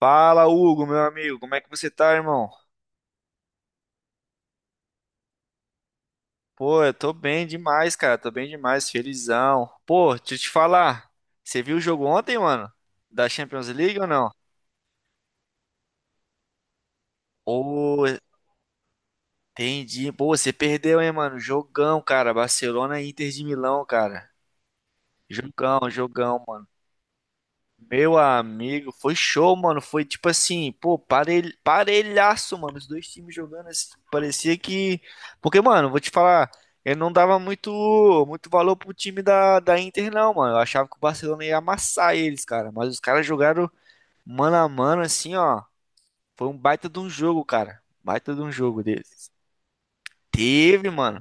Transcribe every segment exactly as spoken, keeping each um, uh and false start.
Fala, Hugo, meu amigo, como é que você tá, irmão? Pô, eu tô bem demais, cara, tô bem demais, felizão. Pô, deixa eu te falar, você viu o jogo ontem, mano? Da Champions League ou não? Ô, entendi. Pô, você perdeu, hein, mano? Jogão, cara, Barcelona e Inter de Milão, cara. Jogão, jogão, mano. Meu amigo, foi show, mano. Foi tipo assim, pô, parelh... parelhaço, mano. Os dois times jogando assim, parecia que. Porque, mano, vou te falar, eu não dava muito, muito valor pro time da, da Inter, não, mano. Eu achava que o Barcelona ia amassar eles, cara. Mas os caras jogaram mano a mano, assim, ó. Foi um baita de um jogo, cara. Baita de um jogo deles. Teve, mano.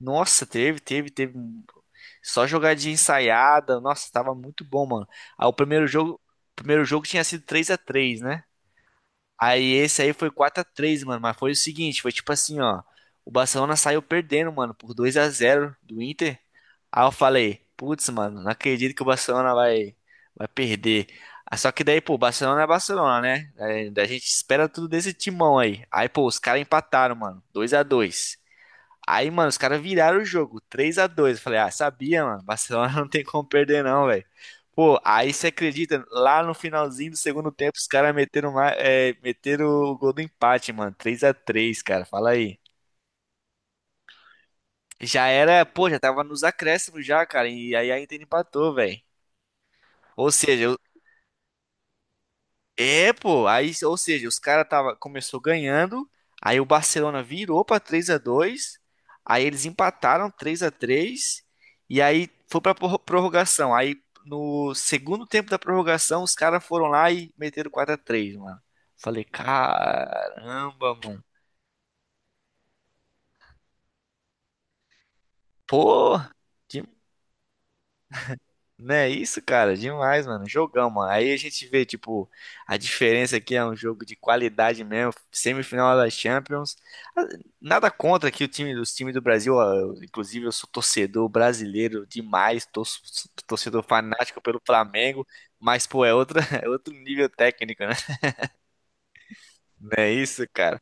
Nossa, teve, teve, teve. um, Só jogadinha ensaiada. Nossa, tava muito bom, mano. Aí o primeiro jogo, o primeiro jogo tinha sido três a três, né? Aí esse aí foi quatro a três, mano. Mas foi o seguinte, foi tipo assim, ó. O Barcelona saiu perdendo, mano, por dois a zero do Inter. Aí eu falei, putz, mano, não acredito que o Barcelona vai, vai perder. Ah, só que daí, pô, o Barcelona é Barcelona, né? É, a gente espera tudo desse timão aí. Aí, pô, os caras empataram, mano, dois a dois. Aí, mano, os caras viraram o jogo, três a dois. Eu falei, ah, sabia, mano, Barcelona não tem como perder não, velho. Pô, aí você acredita, lá no finalzinho do segundo tempo, os caras meteram, ma- é, meteram o gol do empate, mano, três a três, cara, fala aí. Já era, pô, já tava nos acréscimos já, cara, e aí a Inter empatou, velho. Ou seja, É, pô, aí, ou seja, os caras tava começou ganhando, aí o Barcelona virou pra três a dois, aí eles empataram três a três e aí foi pra prorro- prorrogação. Aí no segundo tempo da prorrogação, os caras foram lá e meteram quatro a três, mano. Falei, caramba, mano. Pô, né, isso, cara, demais, mano. Jogão, mano. Aí a gente vê, tipo, a diferença aqui é um jogo de qualidade mesmo, semifinal da Champions. Ah, nada contra aqui o time dos times do Brasil, ah, eu- inclusive eu sou torcedor brasileiro demais, torço- sou torcedor fanático pelo Flamengo, mas pô, é outra, é outro nível técnico, né? Não é isso, cara?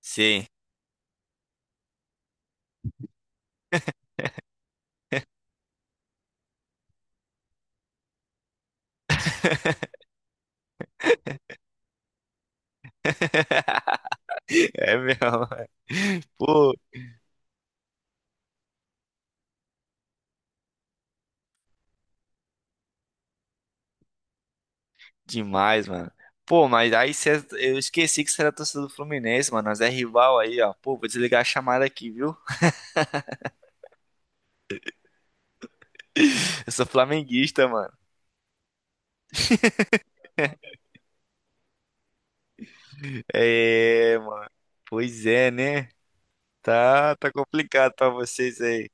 Sim. É mesmo. Pô, demais, mano. Pô, mas aí cê, eu esqueci que você era torcedor do Fluminense, mano. Nós é rival aí, ó. Pô, vou desligar a chamada aqui, viu? Eu sou flamenguista, mano. É, mano. Pois é, né? Tá, tá complicado pra vocês aí.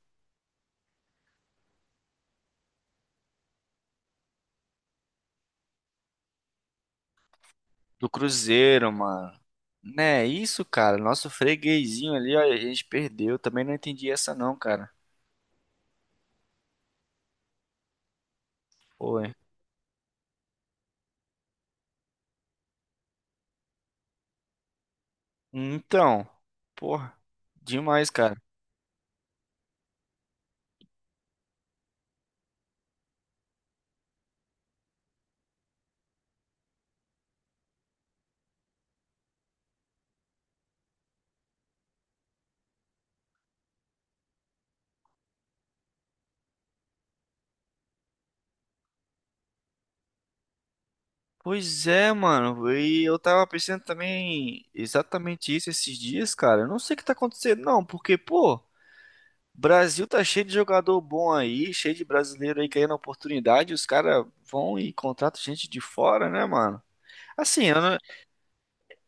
Do Cruzeiro, mano. Né, isso, cara. Nosso freguesinho ali, ó, a gente perdeu. Também não entendi essa não, cara. Foi. Então, porra, demais, cara. Pois é, mano. E eu tava pensando também exatamente isso esses dias, cara. Eu não sei o que tá acontecendo, não, porque, pô, Brasil tá cheio de jogador bom aí, cheio de brasileiro aí querendo oportunidade. Os caras vão e contratam gente de fora, né, mano? Assim, eu não...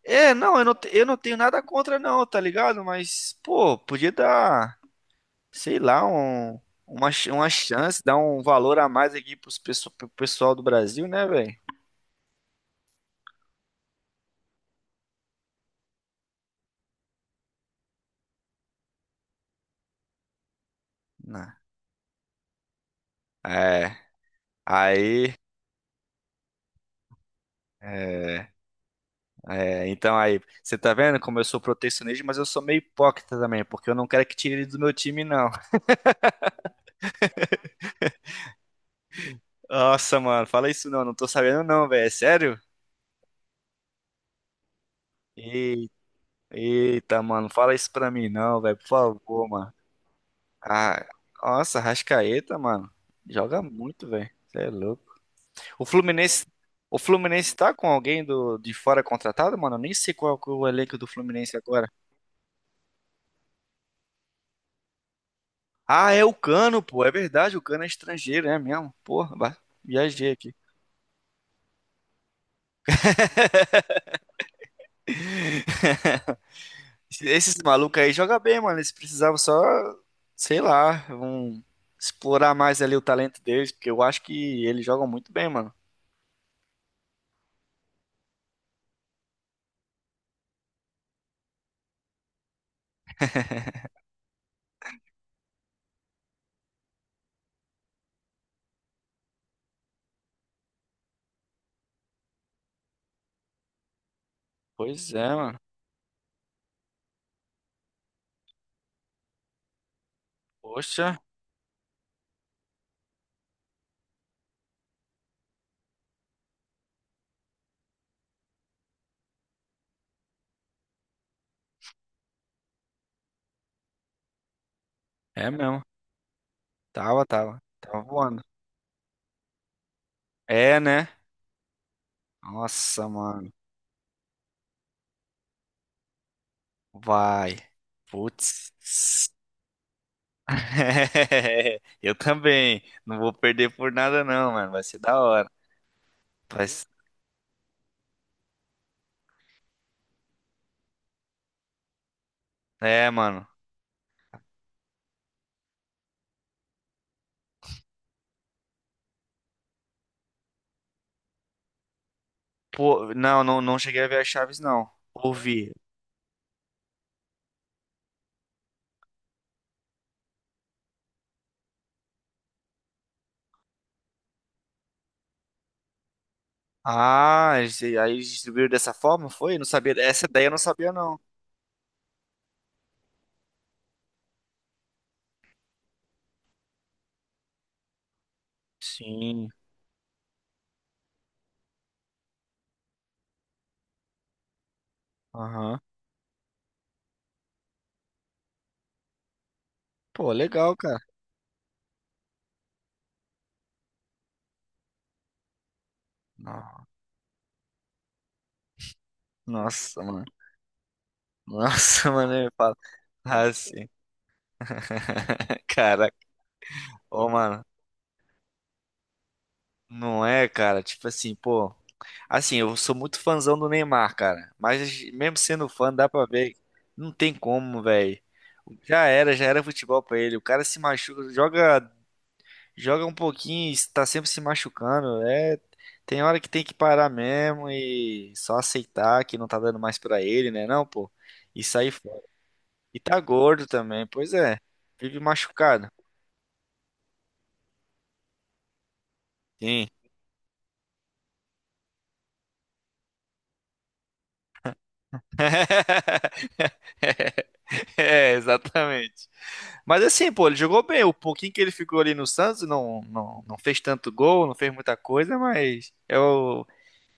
é, não, eu não, te- eu não tenho nada contra, não, tá ligado? Mas, pô, podia dar, sei lá, um, uma, ch- uma chance, dar um valor a mais aqui pros pesso- pro pessoal do Brasil, né, velho? Não. É, aí. é, É, então aí, você tá vendo como eu sou protecionista, mas eu sou meio hipócrita também, porque eu não quero que tire ele do meu time, não. Nossa, mano, fala isso não, não tô sabendo não, velho, é sério? Ei- Eita, mano, fala isso pra mim não, velho, por favor, mano. Ah, nossa, Rascaeta, mano, joga muito, velho, você é louco. O Fluminense, o Fluminense tá com alguém do, de fora contratado, mano? Eu nem sei qual que é o elenco do Fluminense agora. Ah, é o Cano, pô, é verdade, o Cano é estrangeiro, é mesmo, porra, ba- viajei aqui. Esses malucos aí jogam bem, mano. Eles precisavam só, sei lá, um, explorar mais ali o talento deles, porque eu acho que eles jogam muito bem, mano. Pois é, mano. Poxa, é mesmo. Tava, tava. Tava voando. É, né? Nossa, mano. Vai. Putz. Eu também. Não vou perder por nada, não, mano. Vai ser da hora. Vai... ser- É, mano. Pô, não, não, não cheguei a ver as chaves, não. Ouvi. Ah, e aí eles distribuíram dessa forma, foi? Eu não sabia. Essa ideia eu não sabia, não. Sim. Aham. Pô, legal, cara. No- Nossa, mano. Nossa, mano, eu falo. Ah, sim. Caraca. Ô, mano. Não é, cara? Tipo assim, pô. Assim, eu sou muito fãzão do Neymar, cara. Mas mesmo sendo fã, dá pra ver. Não tem como, velho. Já era, já era futebol pra ele. O cara se machuca, joga joga um pouquinho, está sempre se machucando. É, tem hora que tem que parar mesmo e só aceitar que não tá dando mais pra ele, né? Não, pô. E sair fora. E tá gordo também, pois é. Vive machucado. Sim. É, exatamente. Mas assim, pô, ele jogou bem. O pouquinho que ele ficou ali no Santos não, não, não fez tanto gol, não fez muita coisa, mas é o...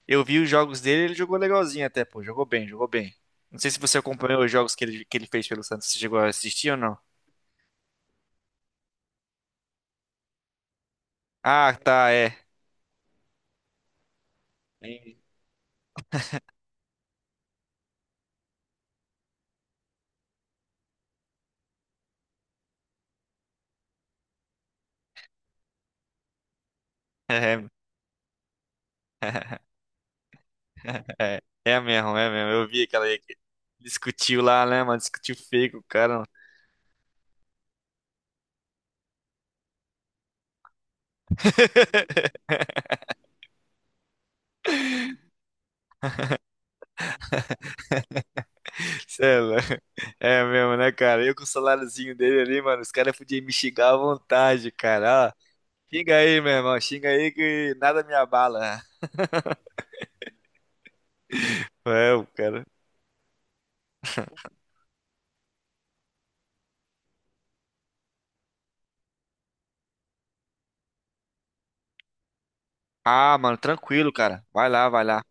Eu vi os jogos dele, ele jogou legalzinho até, pô. Jogou bem, jogou bem. Não sei se você acompanhou os jogos que ele, que ele fez pelo Santos. Você chegou a assistir ou não? Ah, tá, é. É, é, é mesmo, é mesmo. Eu vi aquela aí que discutiu lá, né, mano? Discutiu feio com o cara, mano. Cê É é mesmo, né, cara? Eu com o saláriozinho dele ali, mano, os caras podiam me xingar à vontade, cara. Ó, xinga aí, meu irmão. Xinga aí que nada me abala. É, o cara. Ah, mano, tranquilo, cara. Vai lá, vai lá.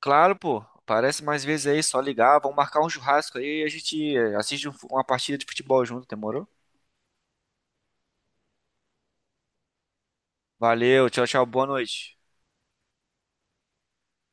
Claro, pô. Aparece mais vezes aí, só ligar. Vamos marcar um churrasco aí e a gente eh, assiste um fu- uma partida de futebol junto, demorou? Valeu, tchau, tchau, boa noite.